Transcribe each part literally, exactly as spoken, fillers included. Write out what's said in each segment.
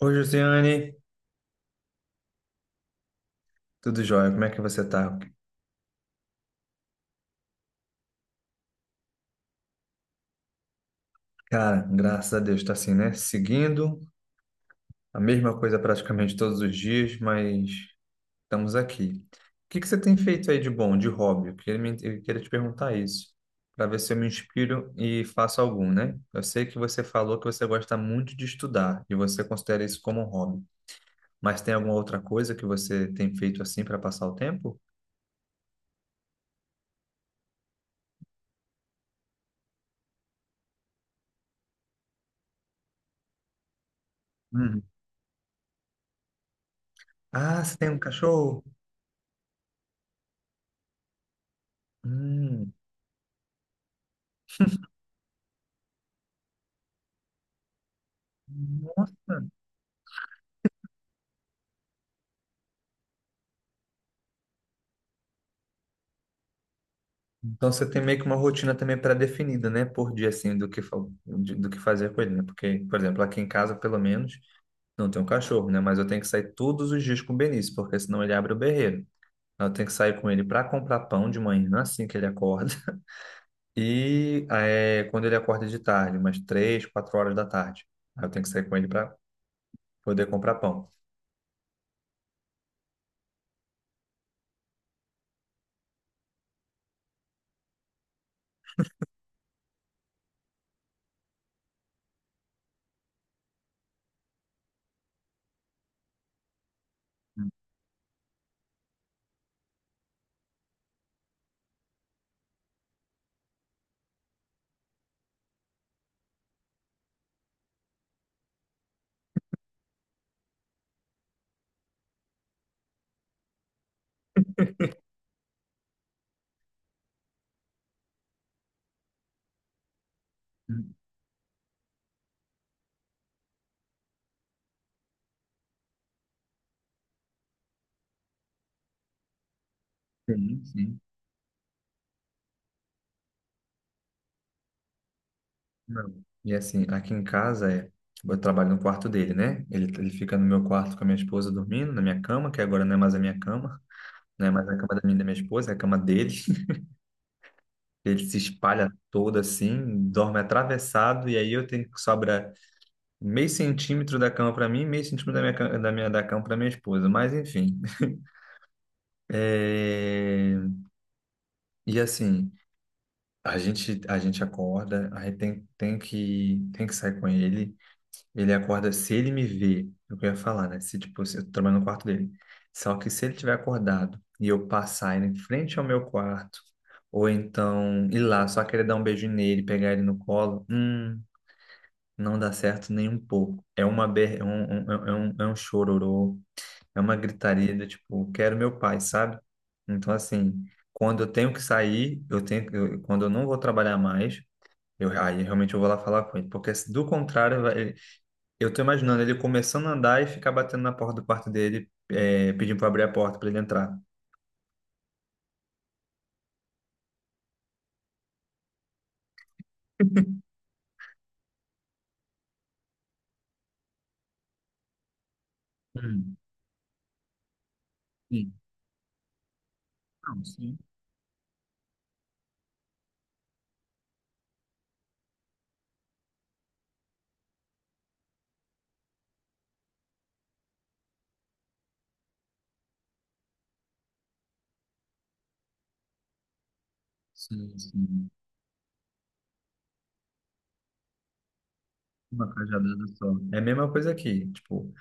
Oi, Josiane, tudo jóia? Como é que você tá? Cara, graças a Deus, tá assim, né? Seguindo a mesma coisa praticamente todos os dias, mas estamos aqui. O que que você tem feito aí de bom, de hobby? Eu queria, me- eu queria te perguntar isso, para ver se eu me inspiro e faço algum, né? Eu sei que você falou que você gosta muito de estudar e você considera isso como um hobby, mas tem alguma outra coisa que você tem feito assim para passar o tempo? Hum. Ah, você tem um cachorro? Hum. Nossa! Então você tem meio que uma rotina também pré-definida, né, por dia assim do que fa- de- do que fazer com ele, né? Porque, por exemplo, aqui em casa, pelo menos, não tem um cachorro, né, mas eu tenho que sair todos os dias com o Benício, porque senão ele abre o berreiro. Então, eu tenho que sair com ele para comprar pão de manhã, assim que ele acorda, e é, quando ele acorda de tarde, umas três, quatro horas da tarde, aí eu tenho que sair com ele para poder comprar pão. Sim, sim. Não. E assim, aqui em casa é, tipo, eu trabalho no quarto dele, né? Ele, ele fica no meu quarto com a minha esposa dormindo, na minha cama, que agora não é mais a minha cama, não é mais a cama da minha e da minha esposa, é a cama dele. Ele se espalha todo assim, dorme atravessado, e aí eu tenho que sobrar meio centímetro da cama para mim, meio centímetro da minha, ca- da minha da cama para minha esposa. Mas enfim. É, e assim, a gente, a gente acorda, aí tem, tem que, tem que sair com ele. Ele acorda, se ele me vê, é o que eu ia falar, né? Se, tipo, se eu tô trabalhando no quarto dele. Só que se ele tiver acordado e eu passar ele em frente ao meu quarto, ou então ir lá, só querer dar um beijo nele, pegar ele no colo, hum, não dá certo nem um pouco. É uma ber... é um, um- é é um, é um chororô, é uma gritaria do tipo, quero meu pai, sabe? Então, assim, quando eu tenho que sair, eu tenho, eu- quando eu não vou trabalhar mais, eu, aí realmente eu vou lá falar com ele, porque se do contrário, eu tô imaginando ele começando a andar e ficar batendo na porta do quarto dele, é, pedindo para abrir a porta para ele entrar. Hum, sim. Não, sim, sim, sim. Uma cajadada só. É a mesma coisa aqui. Tipo,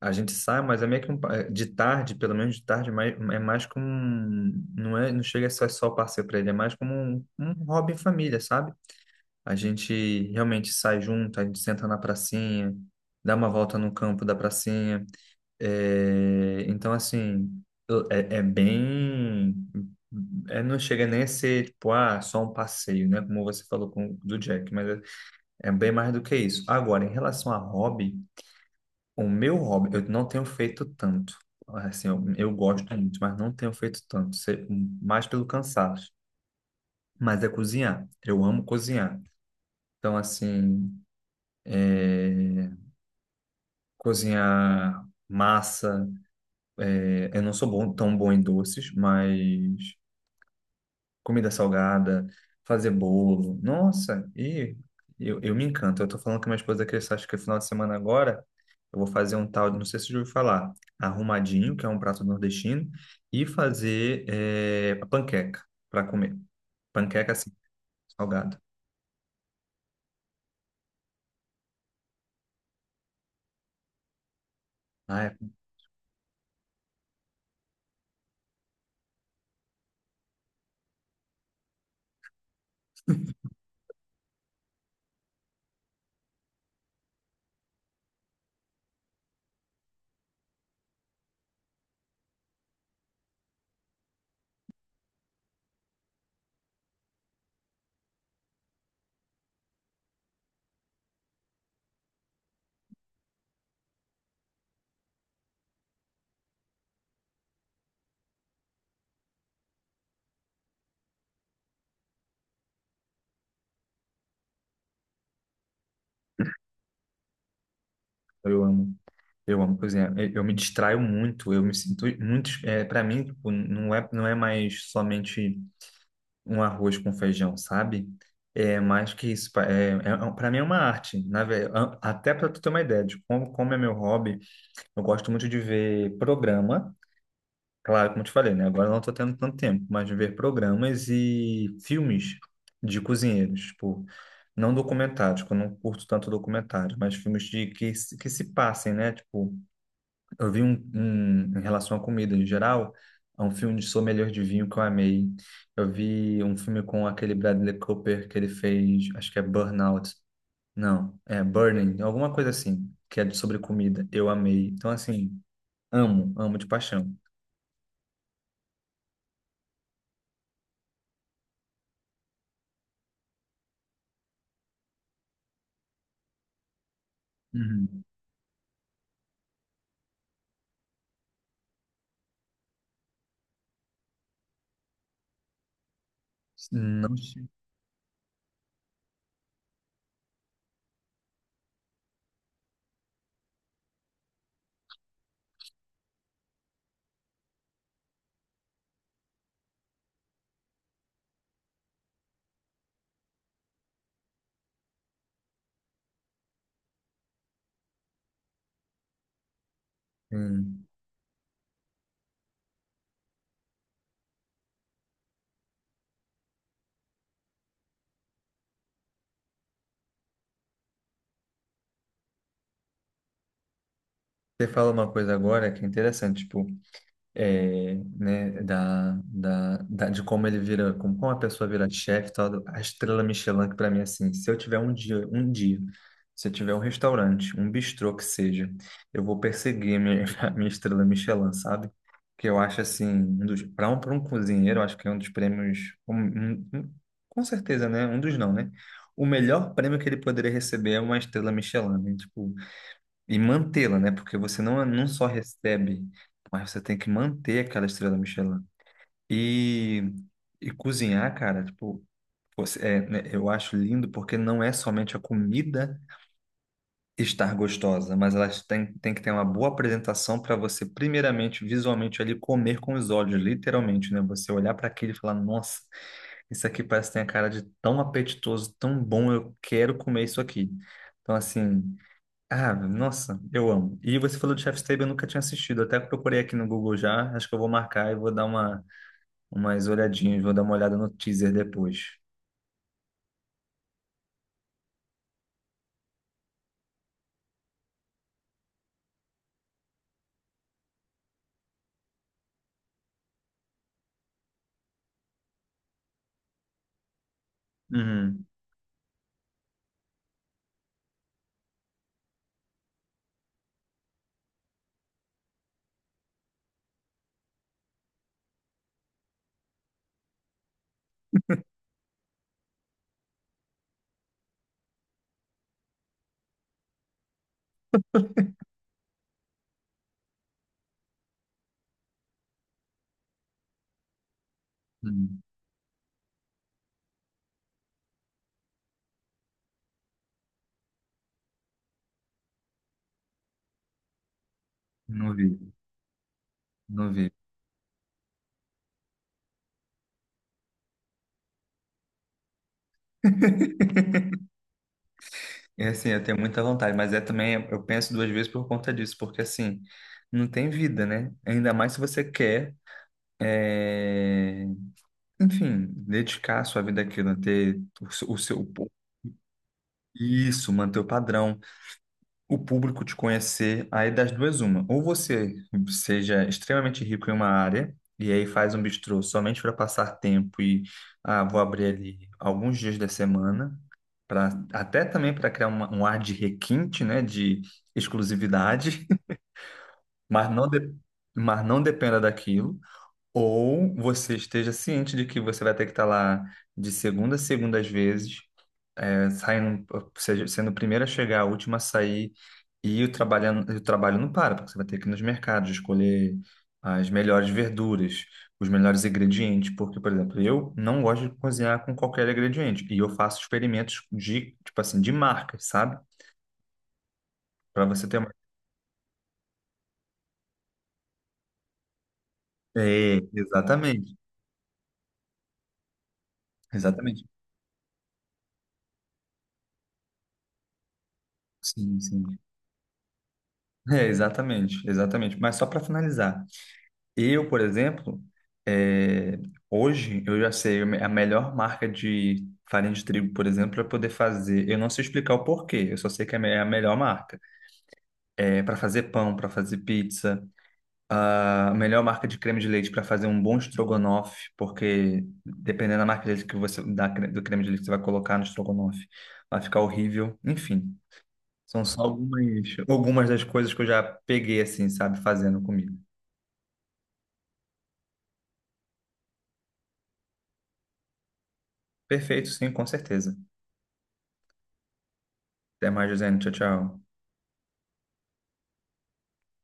a gente sai, mas é meio que um, pa- é, de tarde, pelo menos de tarde, mais, é mais como um, não é, não chega a ser só passeio para ele, é mais como um, um hobby em família, sabe? A gente realmente sai junto, a gente senta na pracinha, dá uma volta no campo da pracinha. É, então, assim, eu- é, é bem. É, não chega nem a ser, tipo, ah, só um passeio, né? Como você falou com, do Jack, mas é, é bem mais do que isso. Agora, em relação a hobby, o meu hobby, eu não tenho feito tanto. Assim, eu, eu gosto muito, mas não tenho feito tanto, se- mais pelo cansaço. Mas é cozinhar. Eu amo cozinhar. Então, assim, cozinhar massa. é, Eu não sou bom, tão bom em doces, mas. Comida salgada, fazer bolo. Nossa, e eu, eu me encanto. Eu tô falando com minha esposa que acho que é final de semana agora eu vou fazer um tal, de- não sei se você já ouviu falar, arrumadinho, que é um prato nordestino, e fazer eh, panqueca para comer. Panqueca assim, salgada. Ah, é. Eu amo. Eu amo cozinhar. Eu, eu me distraio muito. Eu me sinto muito. É, para mim, tipo, não é, não é mais somente um arroz com feijão, sabe? É mais que isso. pa- É, é, para mim é uma arte, na ve- a- até para tu ter uma ideia de como, como é meu hobby, eu gosto muito de ver programa. Claro, como eu te falei, né? Agora eu não estou tendo tanto tempo, mas de ver programas e filmes de cozinheiros, tipo, não documentários, que eu não curto tanto documentário, mas filmes de que, se- que se passem, né? Tipo, eu vi um, um- em relação à comida em geral, é um filme de sommelier de vinho que eu amei. Eu vi um filme com aquele Bradley Cooper que ele fez, acho que é Burnout. Não, é Burning, alguma coisa assim, que é de- sobre comida. Eu amei. Então, assim, amo, amo de paixão. Uhum. Não, che- hum. Você fala uma coisa agora que é interessante, tipo, é, né, da, da, da- de como ele vira, como, como a pessoa vira chefe, e tal, a estrela Michelin, que para mim, assim, se eu tiver um dia, um dia, se eu tiver um restaurante, um bistrô que seja, eu vou perseguir a minha, a minha estrela Michelin, sabe? Que eu acho, assim, um dos, para um, para um cozinheiro, eu acho que é um dos prêmios, um- um- um- com certeza, né? Um dos não, né? O melhor prêmio que ele poderia receber é uma estrela Michelin, né? Tipo, e mantê-la, né? Porque você não, não só recebe, mas você tem que manter aquela estrela Michelin. E, e cozinhar, cara, tipo, você- é, né, eu acho lindo porque não é somente a comida estar gostosa, mas ela tem, tem que ter uma boa apresentação para você, primeiramente, visualmente ali, comer com os olhos, literalmente, né? Você olhar para aquilo e falar, nossa, isso aqui parece que tem a cara de tão apetitoso, tão bom, eu quero comer isso aqui. Então, assim. Ah, nossa, eu amo. E você falou de Chef's Table, eu nunca tinha assistido. Até procurei aqui no Google já. Acho que eu vou marcar e vou dar uma, umas olhadinhas, vou dar uma olhada no teaser depois. Uhum, uhum. Não vi, não vi. É assim, eu tenho muita vontade, mas é também, eu penso duas vezes por conta disso, porque assim, não tem vida, né? Ainda mais se você quer, é, enfim, dedicar a sua vida àquilo, ter o seu, o seu- Isso, manter o padrão. O público te conhecer, aí das duas uma. Ou você seja extremamente rico em uma área e aí faz um bistrô somente para passar tempo e ah, vou abrir ali alguns dias da semana, para até também para criar uma- um ar de requinte, né, de exclusividade, mas não de- mas não dependa daquilo. Ou você esteja ciente de que você vai ter que estar lá de segunda a segunda às vezes saindo, seja, sendo o primeiro a chegar, a última a sair, e o trabalho, o trabalho não para, porque você vai ter que ir nos mercados escolher as melhores verduras, os melhores ingredientes, porque, por exemplo, eu não gosto de cozinhar com qualquer ingrediente, e eu faço experimentos de, tipo assim, de marcas, sabe? Para você ter uma... É, exatamente, exatamente. Sim, sim. É, exatamente, exatamente. Mas só para finalizar, eu, por exemplo, eh, hoje eu já sei a melhor marca de farinha de trigo, por exemplo, para poder fazer. Eu não sei explicar o porquê, eu só sei que é a me- é a melhor marca. É, para fazer pão, para fazer pizza, a melhor marca de creme de leite para fazer um bom estrogonofe, porque dependendo da marca de leite que você, da, cre- do creme de leite que você vai colocar no estrogonofe, vai ficar horrível. Enfim, são só algumas, algumas das coisas que eu já peguei assim, sabe, fazendo comigo. Perfeito, sim, com certeza. Até mais, Josiane. Tchau, tchau.